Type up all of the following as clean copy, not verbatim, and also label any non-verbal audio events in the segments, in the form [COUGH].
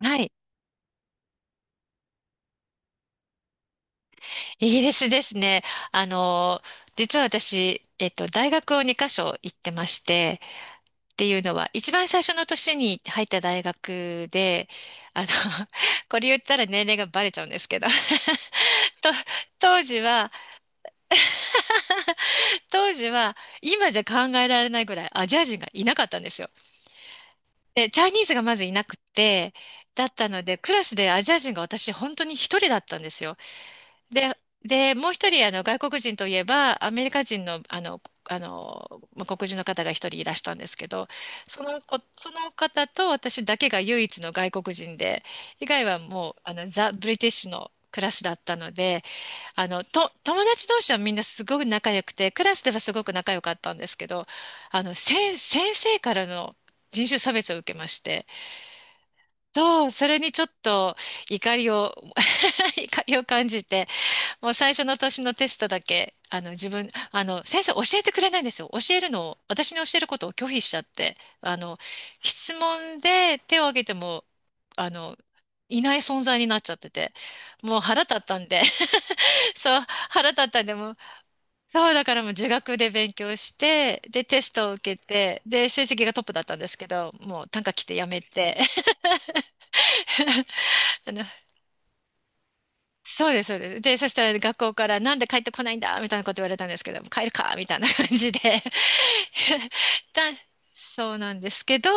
はい。イギリスですね。あの、実は私、大学を2カ所行ってまして、っていうのは、一番最初の年に入った大学で、あの、[LAUGHS] これ言ったら年齢がバレちゃうんですけど、[LAUGHS] と、当時は、[LAUGHS] 当時は、今じゃ考えられないぐらいアジア人がいなかったんですよ。で、チャイニーズがまずいなくて、だったので、クラスでアジア人が私本当に一人だったんですよ。で、で、もう一人、外国人といえば、アメリカ人の、まあ黒人の方が一人いらしたんですけど、その子、その方と私だけが唯一の外国人で、以外はもう、ザ・ブリティッシュのクラスだったので、友達同士はみんなすごく仲良くて、クラスではすごく仲良かったんですけど、先生からの人種差別を受けまして、と、それにちょっと怒りを、[LAUGHS] 怒りを感じて、もう最初の年のテストだけ、あの自分、あの先生教えてくれないんですよ。教えるのを、私に教えることを拒否しちゃって、質問で手を挙げても、あの、いない存在になっちゃってて、もう腹立ったんで、[LAUGHS] そう、腹立ったんで、もう、そう、だからもう自学で勉強して、で、テストを受けて、で、成績がトップだったんですけど、もう短歌来てやめて、[LAUGHS] あのそうです、そうです。で、そしたら学校から、なんで帰ってこないんだみたいなこと言われたんですけど、帰るかみたいな感じで [LAUGHS] だ、そうなんですけど、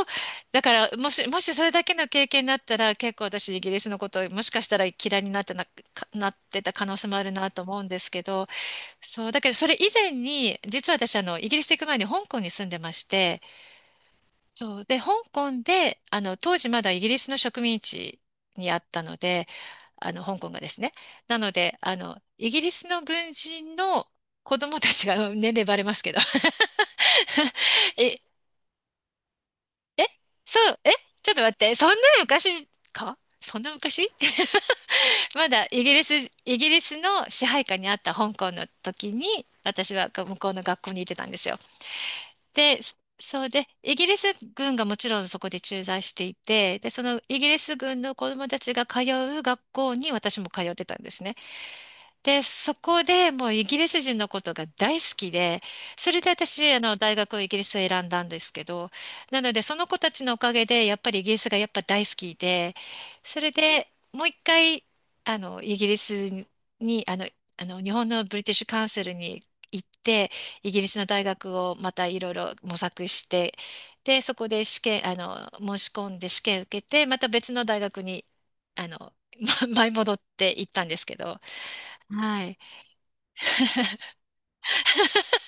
だから、もしそれだけの経験だったら、結構私、イギリスのことを、もしかしたら嫌いになってな、かなってた可能性もあるなと思うんですけど、そう、だけど、それ以前に、実は私、イギリス行く前に香港に住んでまして、そう。で、香港で、当時まだイギリスの植民地にあったので、香港がですね。なので、イギリスの軍人の子供たちが、うん年齢バレますけど。[LAUGHS] え、え、そう、え、ちょっと待って、そんな昔そんな昔 [LAUGHS] まだイギリス、イギリスの支配下にあった香港の時に、私は向こうの学校に行ってたんですよ。で、そうで、イギリス軍がもちろんそこで駐在していて、で、そのイギリス軍の子供たちが通う学校に私も通ってたんですね。で、そこでもうイギリス人のことが大好きで、それで私、大学をイギリスを選んだんですけど、なので、その子たちのおかげで、やっぱりイギリスがやっぱ大好きで、それでもう一回、あの、イギリスに、あの、あの、日本のブリティッシュカウンセルに行って、イギリスの大学をまたいろいろ模索して、で、そこで試験、あの、申し込んで試験受けて、また別の大学に、あの、ま前 [LAUGHS] 戻って行ったんですけど、はい。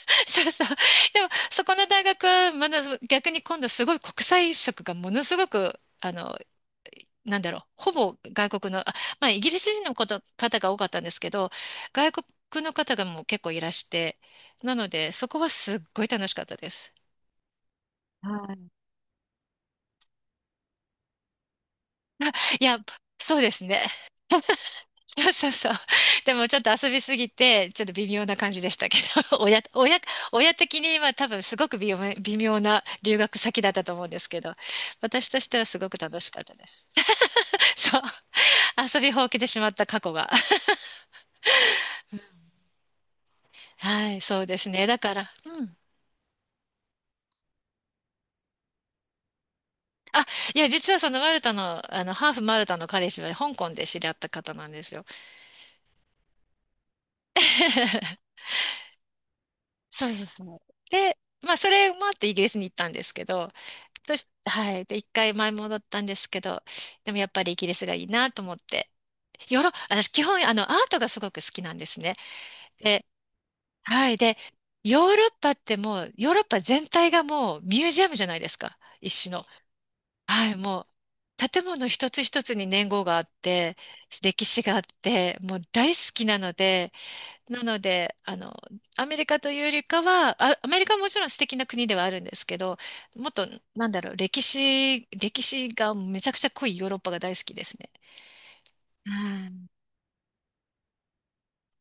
[LAUGHS] そうそう。でも、そこの大学は、まだ逆に今度すごい国際色がものすごく、なんだろう、ほぼ外国の、あ、まあ、イギリス人のこと方が多かったんですけど、外国の方がもう結構いらして、なので、そこはすっごい楽しかったです。はい。[LAUGHS] あいや、そうですね。そうそうそう。でもちょっと遊びすぎて、ちょっと微妙な感じでしたけど、[LAUGHS] 親的には多分すごく微妙な留学先だったと思うんですけど、私としてはすごく楽しかったです。[LAUGHS] そう。[LAUGHS] 遊びほうけてしまった過去が。[LAUGHS] はい、そうですね。だから、うん。あ、いや、実はそのマルタの、ハーフマルタの彼氏は香港で知り合った方なんですよ。[LAUGHS] そうですね。で、まあ、それもあってイギリスに行ったんですけど、そし、はい。で、一回前戻ったんですけど、でもやっぱりイギリスがいいなと思って。ヨーロ、私基本あのアートがすごく好きなんですね。で、はい。で、ヨーロッパってもう、ヨーロッパ全体がもうミュージアムじゃないですか。一種の。はい。もう、建物一つ一つに年号があって、歴史があって、もう大好きなので、なので、アメリカというよりかは、あ、アメリカはもちろん素敵な国ではあるんですけど、もっと、なんだろう、歴史がめちゃくちゃ濃いヨーロッパが大好きですね。はい。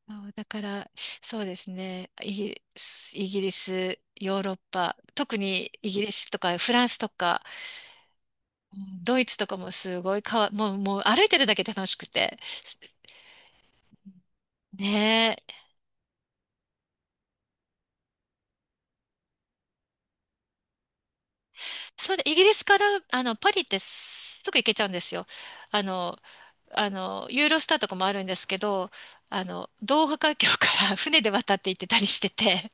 そうだから、そうですね、イギリス、ヨーロッパ、特にイギリスとかフランスとか、うんドイツとかもすごいかわ、もう歩いてるだけで楽しくて。ねえ。それで、イギリスから、パリってすぐ行けちゃうんですよ。あの、ユーロスターとかもあるんですけど、ドーハ海峡から [LAUGHS] 船で渡って行ってたりしてて、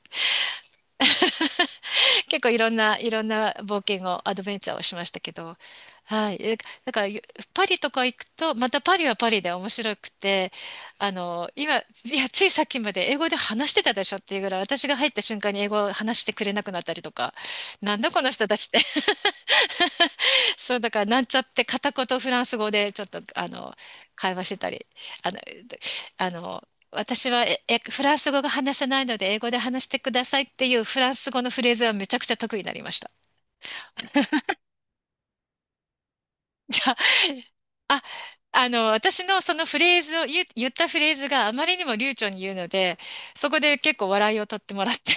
[LAUGHS] 結構いろんな冒険を、アドベンチャーをしましたけど、はい。えだから、ゆパリとか行くと、またパリはパリで面白くて、あの、今、いや、ついさっきまで英語で話してたでしょっていうぐらい、私が入った瞬間に英語を話してくれなくなったりとか、なんだこの人たちって [LAUGHS] そう、だから、なんちゃって片言フランス語でちょっと、会話してたり、あの、私はええフランス語が話せないので英語で話してくださいっていうフランス語のフレーズはめちゃくちゃ得意になりました。[LAUGHS] じゃあ、あ、私のそのフレーズを言う、言ったフレーズがあまりにも流暢に言うので、そこで結構笑いを取ってもらって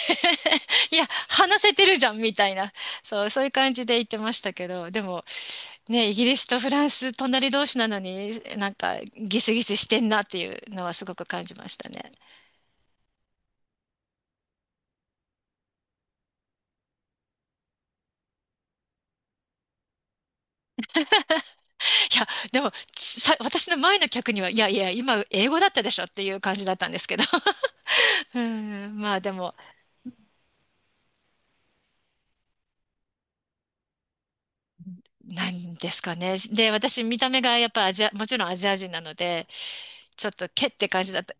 [LAUGHS] いや、話せてるじゃんみたいな、そう、そういう感じで言ってましたけど、でも、ね、イギリスとフランス隣同士なのになんかギスギスしてんなっていうのはすごく感じましたね。いや、でもさ、私の前の客には、いやいや、今英語だったでしょっていう感じだったんですけど。[LAUGHS] うん、まあでも、なんですかね。で、私見た目がやっぱアジア、もちろんアジア人なので、ちょっとけって感じだった。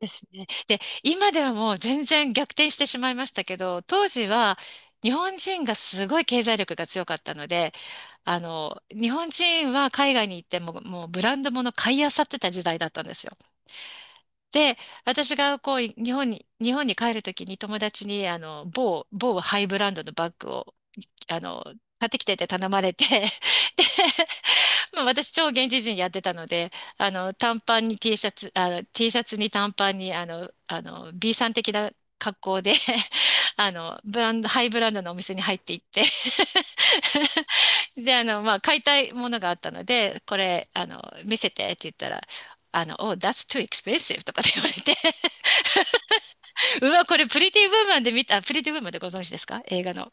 ですね。で、今ではもう全然逆転してしまいましたけど、当時は日本人がすごい経済力が強かったので、日本人は海外に行っても、もうブランド物買い漁ってた時代だったんですよ。で、私がこう、日本に帰るときに友達に、某ハイブランドのバッグを、あの、買ってきてって頼まれて、[LAUGHS] でまあ、私、超現地人やってたので、短パンに T シャツ、T シャツに短パンに、B さん的な格好で [LAUGHS] あの、ブランド、ハイブランドのお店に入っていって [LAUGHS] で、まあ、買いたいものがあったので、これ、見せてって言ったら、Oh, that's too expensive とかって言われて [LAUGHS] うわ、これ、プリティ・ブーマンで見た、あ、プリティ・ブーマンでご存知ですか、映画の。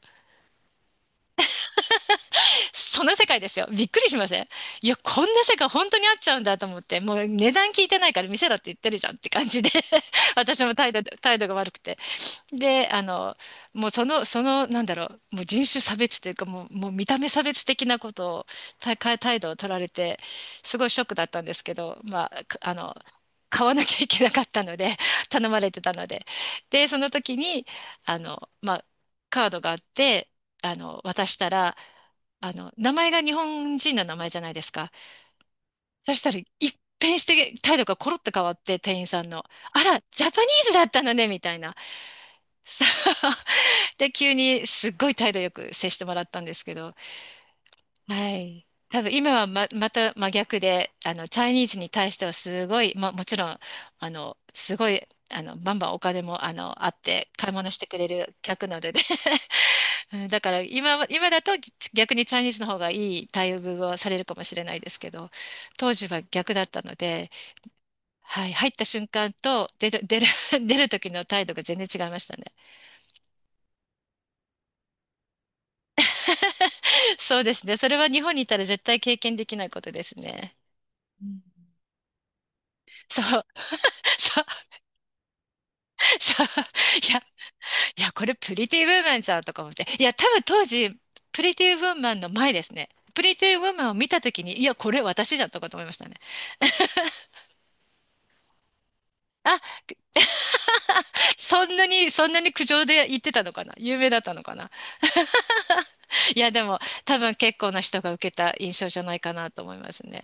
その世界ですよ。びっくりしません？いや、こんな世界本当にあっちゃうんだと思って、もう値段聞いてないから見せろって言ってるじゃんって感じで [LAUGHS] 私も態度が悪くて。で、あの、もうその、なんだろう、もう人種差別というか、もう見た目差別的なことを、態度を取られて、すごいショックだったんですけど、まあ、か、あの、買わなきゃいけなかったので、[LAUGHS] 頼まれてたので。で、その時に、まあ、カードがあって、渡したら、名前が日本人の名前じゃないですか。そしたら、一変して態度がコロッと変わって、店員さんの。あら、ジャパニーズだったのね、みたいな。そう。 [LAUGHS] で、急にすっごい態度よく接してもらったんですけど、はい。多分今はま、また真逆で、チャイニーズに対してはすごい、ま、もちろん、あの、すごい、あの、バンバンお金も、あって、買い物してくれる客なのでね。うん、だから今は、今だと逆にチャイニーズの方がいい待遇をされるかもしれないですけど、当時は逆だったので、はい、入った瞬間と出る、[LAUGHS] 出る、[LAUGHS] 出る時の態度が全然違いましたね。そうですね。それは日本にいたら絶対経験できないことですね。うん。そう、そう、そう。いや、これプリティウーマンじゃんとか思って。いや、多分当時、プリティウーマンの前ですね。プリティウーマンを見た時に、いや、これ私じゃんとかと思いましたね。あ。 [LAUGHS] そんなに苦情で言ってたのかな、有名だったのかな。いや、でも、多分結構な人が受けた印象じゃないかなと思いますね。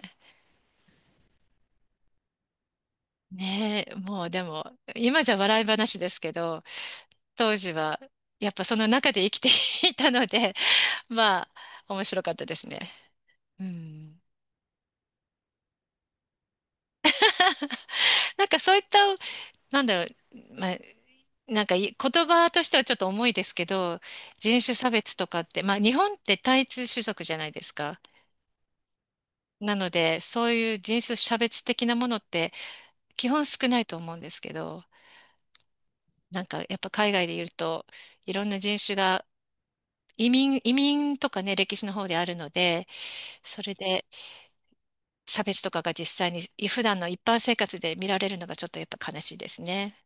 ねえ、もうでも、今じゃ笑い話ですけど、当時は、やっぱその中で生きていたので、[LAUGHS] まあ、面白かったですね。うん。なんかそういった、なんだろう、まあ、なんか、い、言葉としてはちょっと重いですけど、人種差別とかって、まあ日本って単一種族じゃないですか。なので、そういう人種差別的なものって基本少ないと思うんですけど、なんかやっぱ海外でいるといろんな人種が、移民とかね、歴史の方であるので、それで差別とかが実際に普段の一般生活で見られるのがちょっとやっぱ悲しいですね。